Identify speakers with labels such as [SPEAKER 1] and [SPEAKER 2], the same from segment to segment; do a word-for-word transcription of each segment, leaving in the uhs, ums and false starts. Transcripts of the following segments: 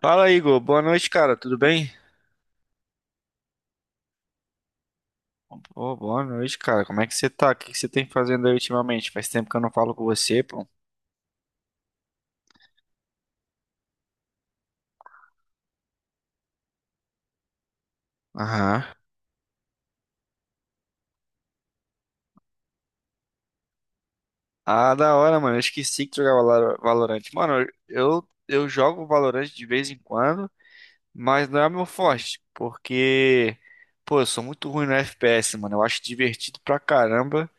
[SPEAKER 1] Fala, Igor. Boa noite, cara. Tudo bem? Pô, boa noite, cara. Como é que você tá? O que que você tem fazendo aí ultimamente? Faz tempo que eu não falo com você, pô. Aham. Ah, da hora, mano. Eu esqueci que jogava Valor- Valorant. Mano, eu, eu jogo Valorant de vez em quando, mas não é meu forte, porque, pô, eu sou muito ruim no F P S, mano. Eu acho divertido pra caramba,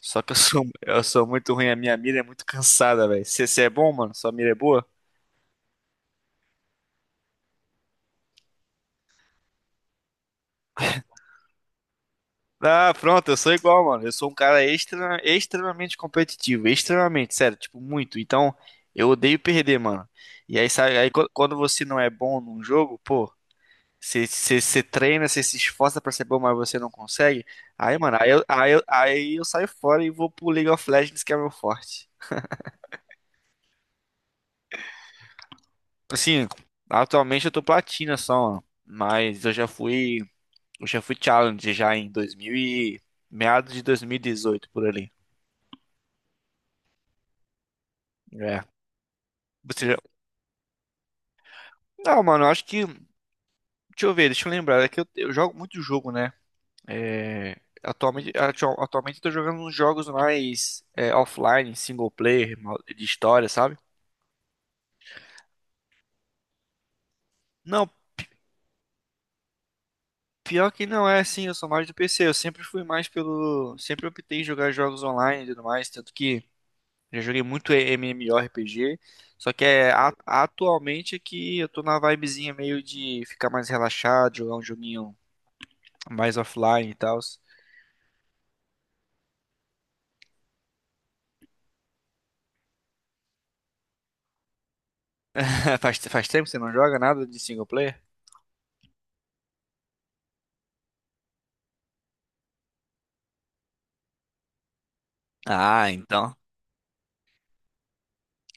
[SPEAKER 1] só que eu sou, eu sou muito ruim. A minha mira é muito cansada, velho. Você é bom, mano? Sua mira é boa? Ah, pronto, eu sou igual, mano. Eu sou um cara extra, extremamente competitivo, extremamente, sério, tipo, muito. Então, eu odeio perder, mano. E aí, sabe, aí qu- quando você não é bom num jogo, pô, você você- você treina, você se esforça pra ser bom, mas você não consegue. Aí, mano, aí eu, aí eu, aí eu saio fora e vou pro League of Legends, que é meu forte. Assim, atualmente eu tô platina só, mano. Mas eu já fui, eu já fui challenge já em dois mil e meados de dois mil e dezoito por ali. É. Você já- Não, mano, eu acho que. Deixa eu ver, deixa eu lembrar. É que eu, eu jogo muito jogo, né? É, atualmente, atu- atualmente eu tô jogando uns jogos mais é, offline, single player, mal- de história, sabe? Não, pior que não é assim, eu sou mais do P C. Eu sempre fui mais pelo. Sempre optei em jogar jogos online e tudo mais, tanto que já joguei muito MMORPG. Só que é, a- atualmente é que eu tô na vibezinha meio de ficar mais relaxado, jogar um joguinho mais offline e tal. Faz, faz tempo que você não joga nada de single player? Ah, então.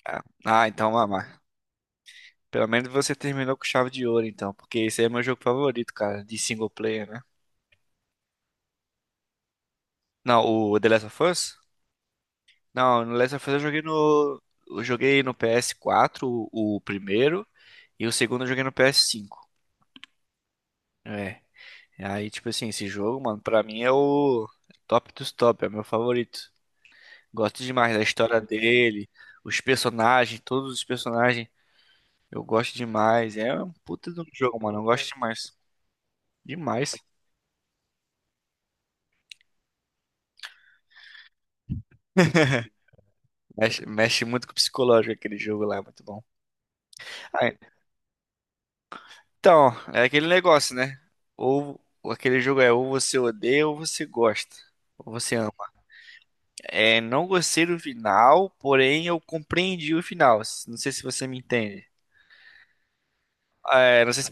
[SPEAKER 1] Ah, ah, então, mamá. Pelo menos você terminou com chave de ouro, então. Porque esse aí é meu jogo favorito, cara. De single player, né? Não, o The Last of Us? Não, no Last of Us eu joguei no. Eu joguei no P S quatro, o, o primeiro. E o segundo eu joguei no P S cinco. É. E aí, tipo assim, esse jogo, mano, pra mim é o top dos top. É o meu favorito. Gosto demais da história dele, os personagens, todos os personagens. Eu gosto demais. É um puta de um jogo, mano. Eu gosto demais. Demais. Mexe, mexe muito com o psicológico aquele jogo lá, é muito bom. Ah, então, é aquele negócio, né? Ou ou aquele jogo é ou você odeia ou você gosta. Ou você ama. É, não gostei do final, porém eu compreendi o final. Não sei se você me entende. É, não sei se...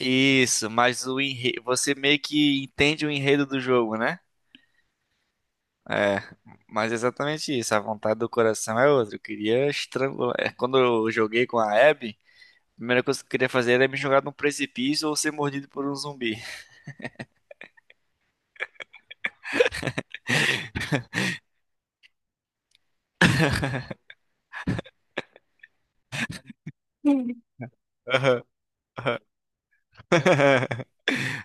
[SPEAKER 1] Isso, mas o enre... você meio que entende o enredo do jogo, né? É, mas é exatamente isso. A vontade do coração é outra. Eu queria estrangular. É, quando eu joguei com a Abby, a primeira coisa que eu queria fazer era me jogar num precipício ou ser mordido por um zumbi. Aham, aham.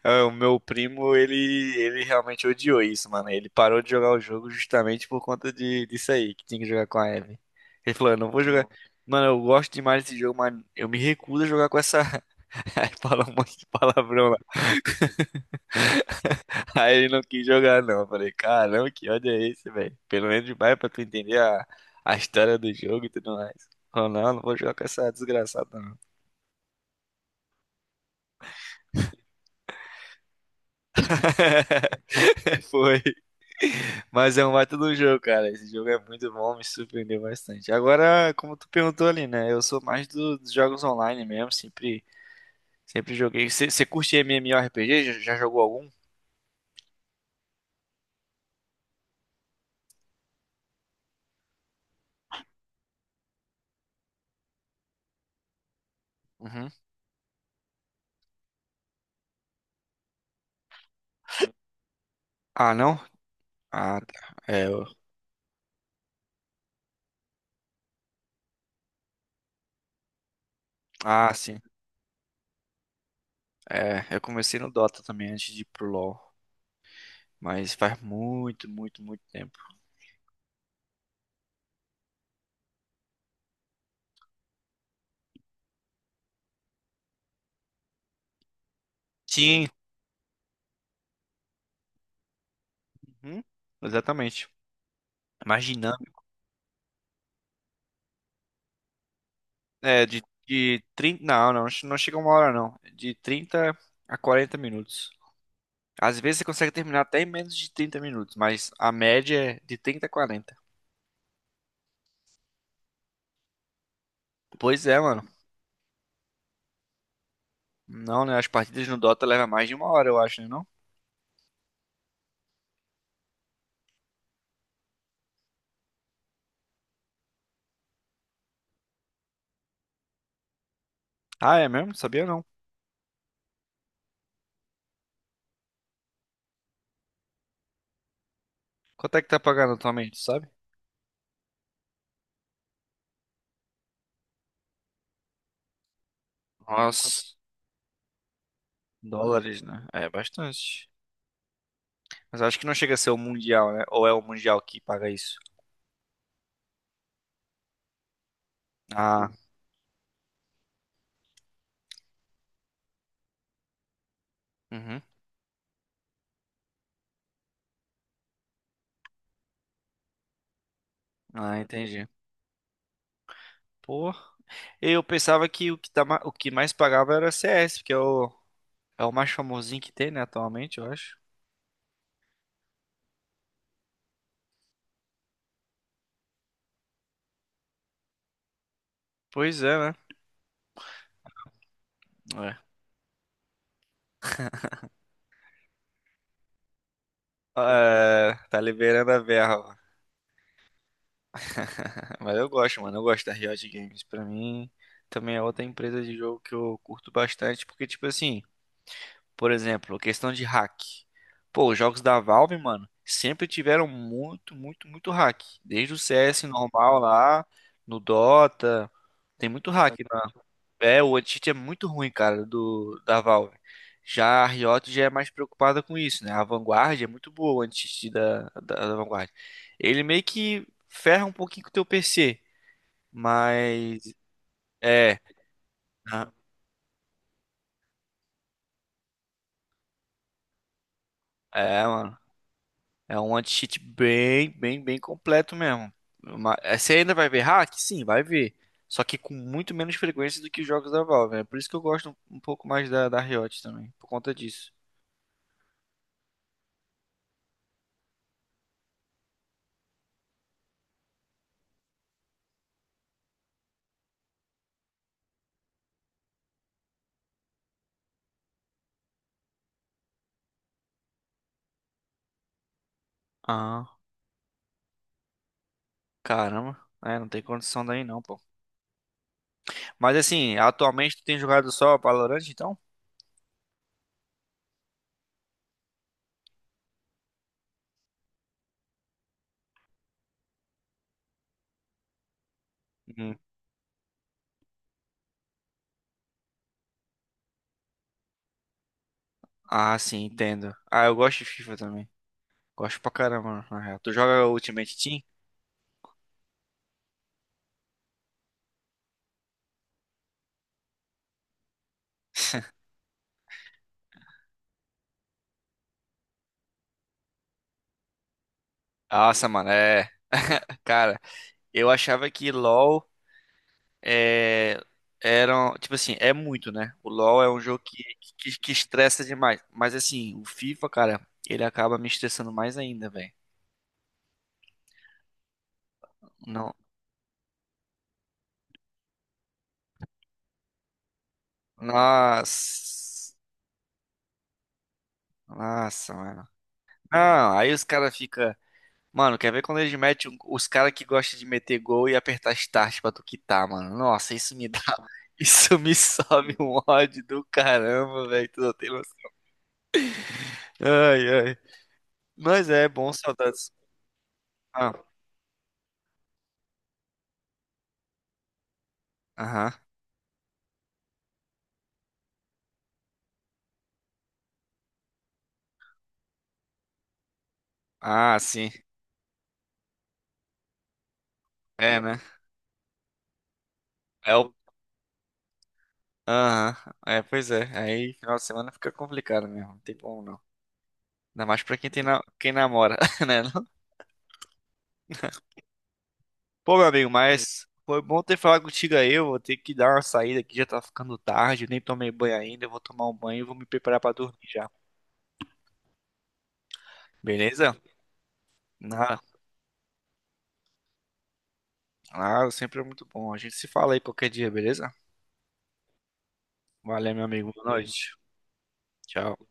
[SPEAKER 1] Ah, o meu primo, ele, ele realmente odiou isso, mano. Ele parou de jogar o jogo justamente por conta de, disso aí, que tinha que jogar com a Ellie. Ele falou, eu não vou jogar. Mano, eu gosto demais desse jogo, mas eu me recuso a jogar com essa. Aí fala um monte de palavrão lá. Aí ele não quis jogar, não. Eu falei, caramba, que ódio é esse, velho? Pelo menos demais pra tu entender a, a história do jogo e tudo mais. Falou, não, não vou jogar com essa desgraçada, não. Foi. Mas é um baita do jogo, cara. Esse jogo é muito bom, me surpreendeu bastante. Agora, como tu perguntou ali, né? Eu sou mais do- dos jogos online mesmo, sempre, sempre joguei. Você curte MMORPG? Já, já jogou algum? Uhum. Ah, não? Ah, tá. É, eu... Ah, sim. É, eu comecei no Dota também antes de ir pro LoL. Mas faz muito, muito, muito tempo. Sim, uhum, exatamente. Mais dinâmico. É, de, de trinta, não, não, não chega uma hora, não. De trinta a quarenta minutos. Às vezes você consegue terminar até em menos de trinta minutos, mas a média é de trinta a quarenta. Pois é, mano. Não, né? As partidas no Dota levam mais de uma hora, eu acho, né? Não? Ah, é mesmo? Sabia não. Quanto é que tá pagando atualmente, sabe? Nossa, dólares, né? É bastante. Mas acho que não chega a ser o Mundial, né? Ou é o Mundial que paga isso? Ah, uhum. Ah, entendi. Pô, eu pensava que o que, tá, ma- o que mais pagava era C S, porque é o, é o mais famosinho que tem, né, atualmente, eu acho. Pois é, né? É. É, tá liberando a verba. Mas eu gosto, mano. Eu gosto da Riot Games. Pra mim, também é outra empresa de jogo que eu curto bastante. Porque, tipo assim, por exemplo, questão de hack. Pô, os jogos da Valve, mano, sempre tiveram muito, muito, muito hack. Desde o C S normal lá, no Dota. Tem muito hack, né? É, o Uncharted é muito ruim, cara, do da Valve. Já a Riot já é mais preocupada com isso, né? A Vanguard é muito boa, o Uncharted da, da, da Vanguard. Ele meio que ferra um pouquinho com o teu P C, mas é, ah, é, mano, é um anti-cheat bem, bem, bem completo mesmo. Uma- é, Você ainda vai ver hack? Sim, vai ver. Só que com muito menos frequência do que os jogos da Valve. É por isso que eu gosto um, um pouco mais da, da Riot também, por conta disso. Ah, caramba. É, não tem condição daí não, pô. Mas assim, atualmente tu tem jogado só Valorant, então? Uhum. Ah, sim, entendo. Ah, eu gosto de FIFA também. Gosto pra caramba, na real. Tu joga Ultimate Team? Nossa, mano, é. Cara, eu achava que LoL é... era. um- Tipo assim, é muito, né? O LoL é um jogo que, que, que estressa demais. Mas assim, o FIFA, cara, ele acaba me estressando mais ainda, velho. Não. Nossa. Nossa, mano. Não, aí os caras ficam. Mano, quer ver quando eles metem um- os caras que gostam de meter gol e apertar start pra tu quitar, mano? Nossa, isso me dá. Isso me sobe um ódio do caramba, velho. Tu não tem noção. Ai, ai. Mas é bom, saudades. Ah, aham. Ah, sim. É, né? É o. Aham. É, pois é. Aí, final de semana fica complicado mesmo. Não tem como não. Ainda mais pra quem tem na... quem namora, né? Pô, meu amigo, mas foi bom ter falado contigo aí. Eu vou ter que dar uma saída aqui, já tá ficando tarde, eu nem tomei banho ainda. Eu vou tomar um banho e vou me preparar pra dormir já. Beleza? Ah, ah, sempre é muito bom. A gente se fala aí qualquer dia, beleza? Valeu, meu amigo. Boa noite. Tchau.